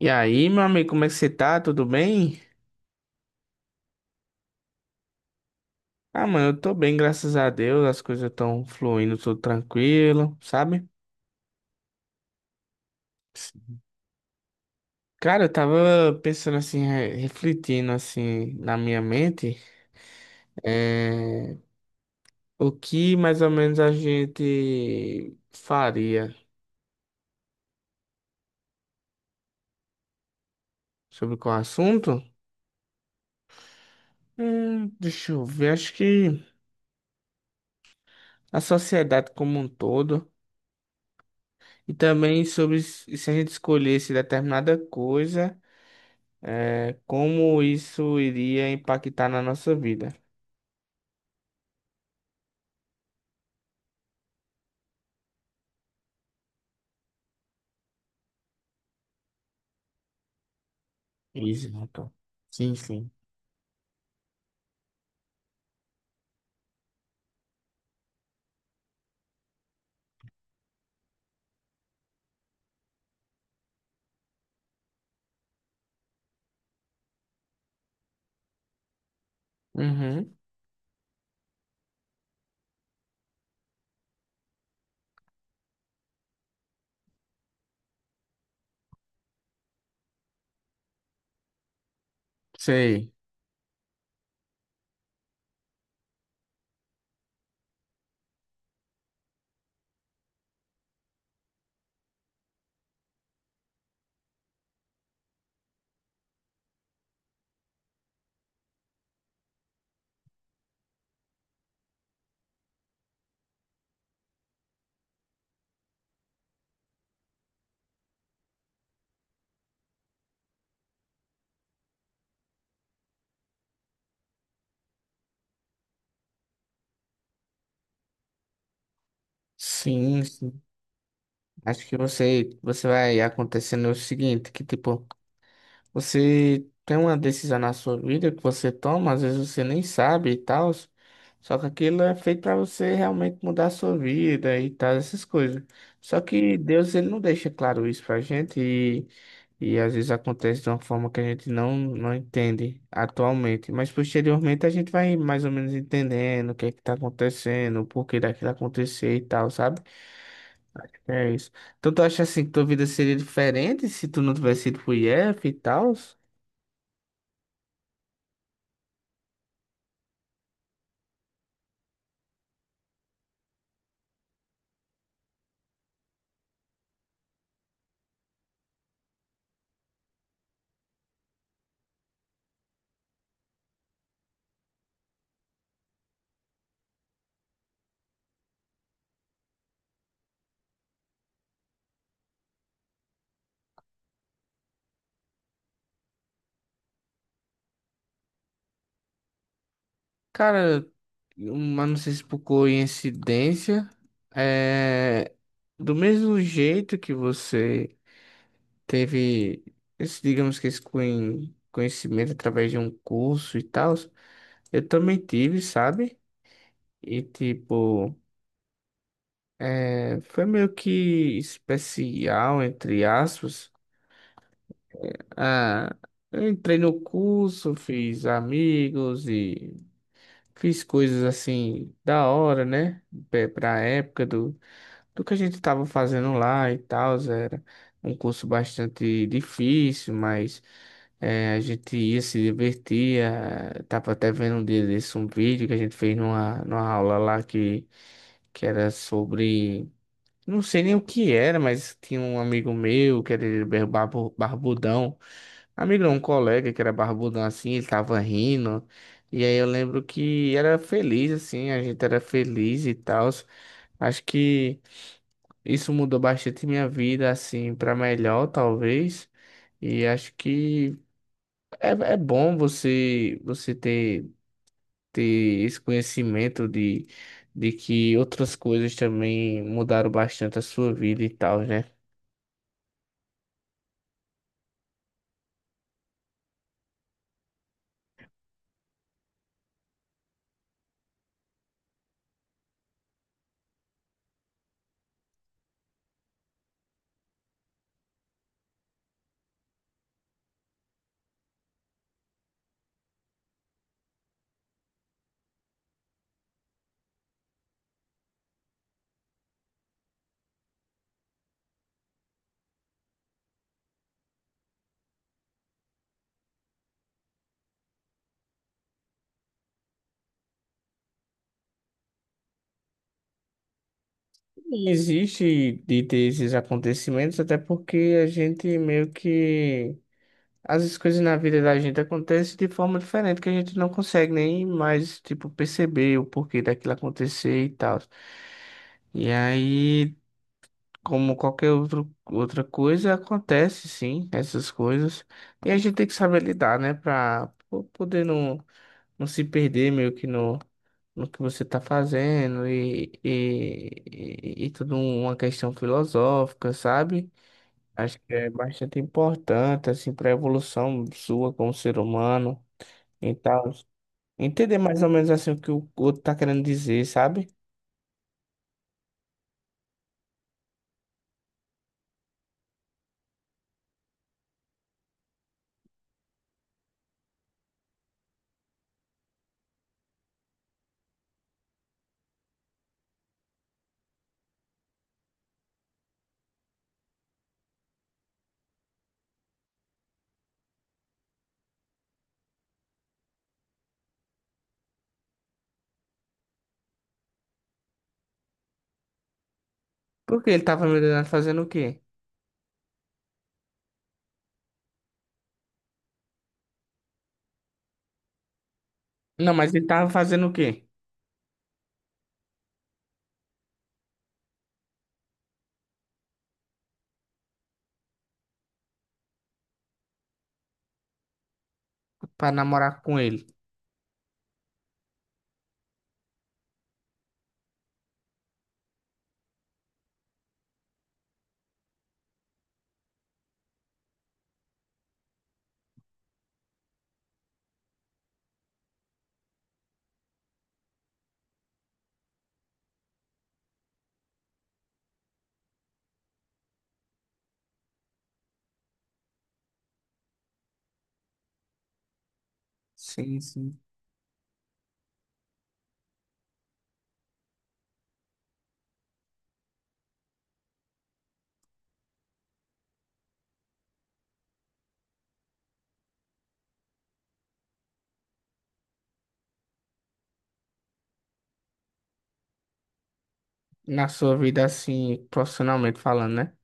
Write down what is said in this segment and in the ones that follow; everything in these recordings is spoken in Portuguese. E aí, meu amigo, como é que você tá? Tudo bem? Ah, mano, eu tô bem, graças a Deus. As coisas estão fluindo, tudo tranquilo, sabe? Cara, eu tava pensando assim, refletindo assim na minha mente, é, o que mais ou menos a gente faria sobre qual assunto? Deixa eu ver, acho que a sociedade como um todo, e também sobre se a gente escolhesse determinada coisa. É, como isso iria impactar na nossa vida. Exato. Sim, sim. Uhum. Sei. Sim, sim. Acho que você vai acontecendo o seguinte, que tipo, você tem uma decisão na sua vida que você toma, às vezes você nem sabe e tal, só que aquilo é feito para você realmente mudar a sua vida e tal, essas coisas. Só que Deus, ele não deixa claro isso pra gente e às vezes acontece de uma forma que a gente não entende atualmente, mas posteriormente a gente vai mais ou menos entendendo o que é que tá acontecendo, o porquê daquilo acontecer e tal, sabe? É isso. Então tu acha assim que tua vida seria diferente se tu não tivesse ido pro IF e tal? Cara, mas não sei se por coincidência, é... do mesmo jeito que você teve esse, digamos que esse conhecimento através de um curso e tal, eu também tive, sabe? E tipo, foi meio que especial, entre aspas. Ah, eu entrei no curso, fiz amigos e fiz coisas assim da hora, né? Pra época do, do que a gente estava fazendo lá e tal, era um curso bastante difícil, mas a gente ia se divertir. Tava até vendo um dia desse um vídeo que a gente fez numa, numa aula lá que era sobre. Não sei nem o que era, mas tinha um amigo meu que era barbudão. Amigo, não, um colega que era barbudão assim, ele tava rindo. E aí eu lembro que era feliz, assim, a gente era feliz e tal. Acho que isso mudou bastante minha vida, assim, para melhor, talvez. E acho que é bom você ter, ter esse conhecimento de que outras coisas também mudaram bastante a sua vida e tal, né? E existe de ter esses acontecimentos, até porque a gente meio que as coisas na vida da gente acontecem de forma diferente, que a gente não consegue nem mais, tipo, perceber o porquê daquilo acontecer e tal. E aí, como qualquer outro, outra coisa, acontece sim, essas coisas. E a gente tem que saber lidar, né? Pra poder não, não se perder meio que no, no que você tá fazendo e tudo uma questão filosófica, sabe? Acho que é bastante importante, assim, para a evolução sua como ser humano e tal. Entender mais ou menos, assim, o que o outro tá querendo dizer, sabe? Porque ele tava me olhando fazendo o quê? Não, mas ele tava fazendo o quê? Pra namorar com ele. Sim, sim. Na sua vida, assim, profissionalmente falando, né?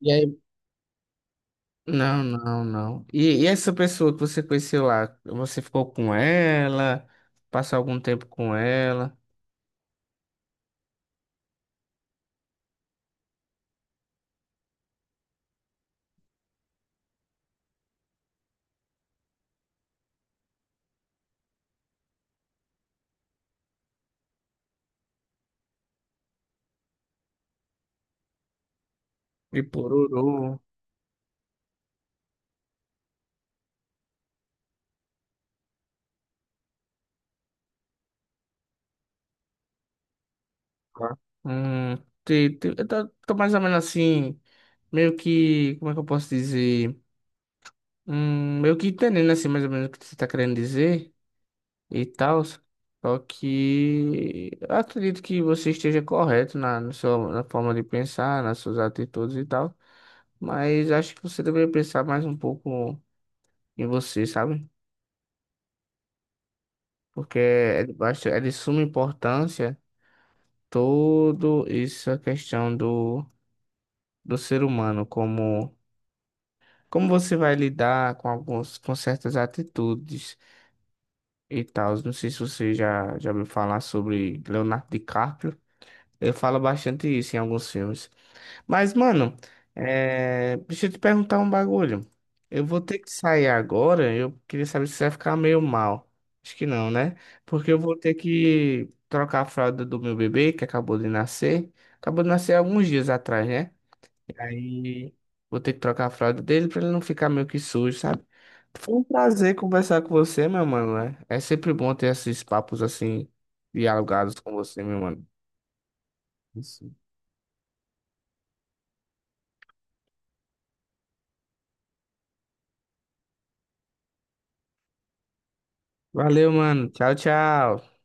E aí? Não, não, não. E essa pessoa que você conheceu lá, você ficou com ela? Passou algum tempo com ela? E pororô. Tá. Hum, eu tô mais ou menos assim, meio que, como é que eu posso dizer? Meio que entendendo assim, mais ou menos o que você tá querendo dizer e tal. Só que eu acredito que você esteja correto na, no seu na forma de pensar, nas suas atitudes e tal. Mas acho que você deveria pensar mais um pouco em você, sabe? Porque é de suma importância todo isso, a questão do, do ser humano como. Como você vai lidar com alguns, com certas atitudes e tal? Não sei se você já ouviu falar sobre Leonardo DiCaprio. Ele fala bastante isso em alguns filmes. Mas, mano, deixa eu te perguntar um bagulho. Eu vou ter que sair agora. Eu queria saber se você vai ficar meio mal. Acho que não, né? Porque eu vou ter que trocar a fralda do meu bebê, que acabou de nascer. Acabou de nascer alguns dias atrás, né? Aí vou ter que trocar a fralda dele pra ele não ficar meio que sujo, sabe? Foi um prazer conversar com você, meu mano. Né? É sempre bom ter esses papos assim, dialogados com você, meu mano. Isso. Valeu, mano. Tchau, tchau.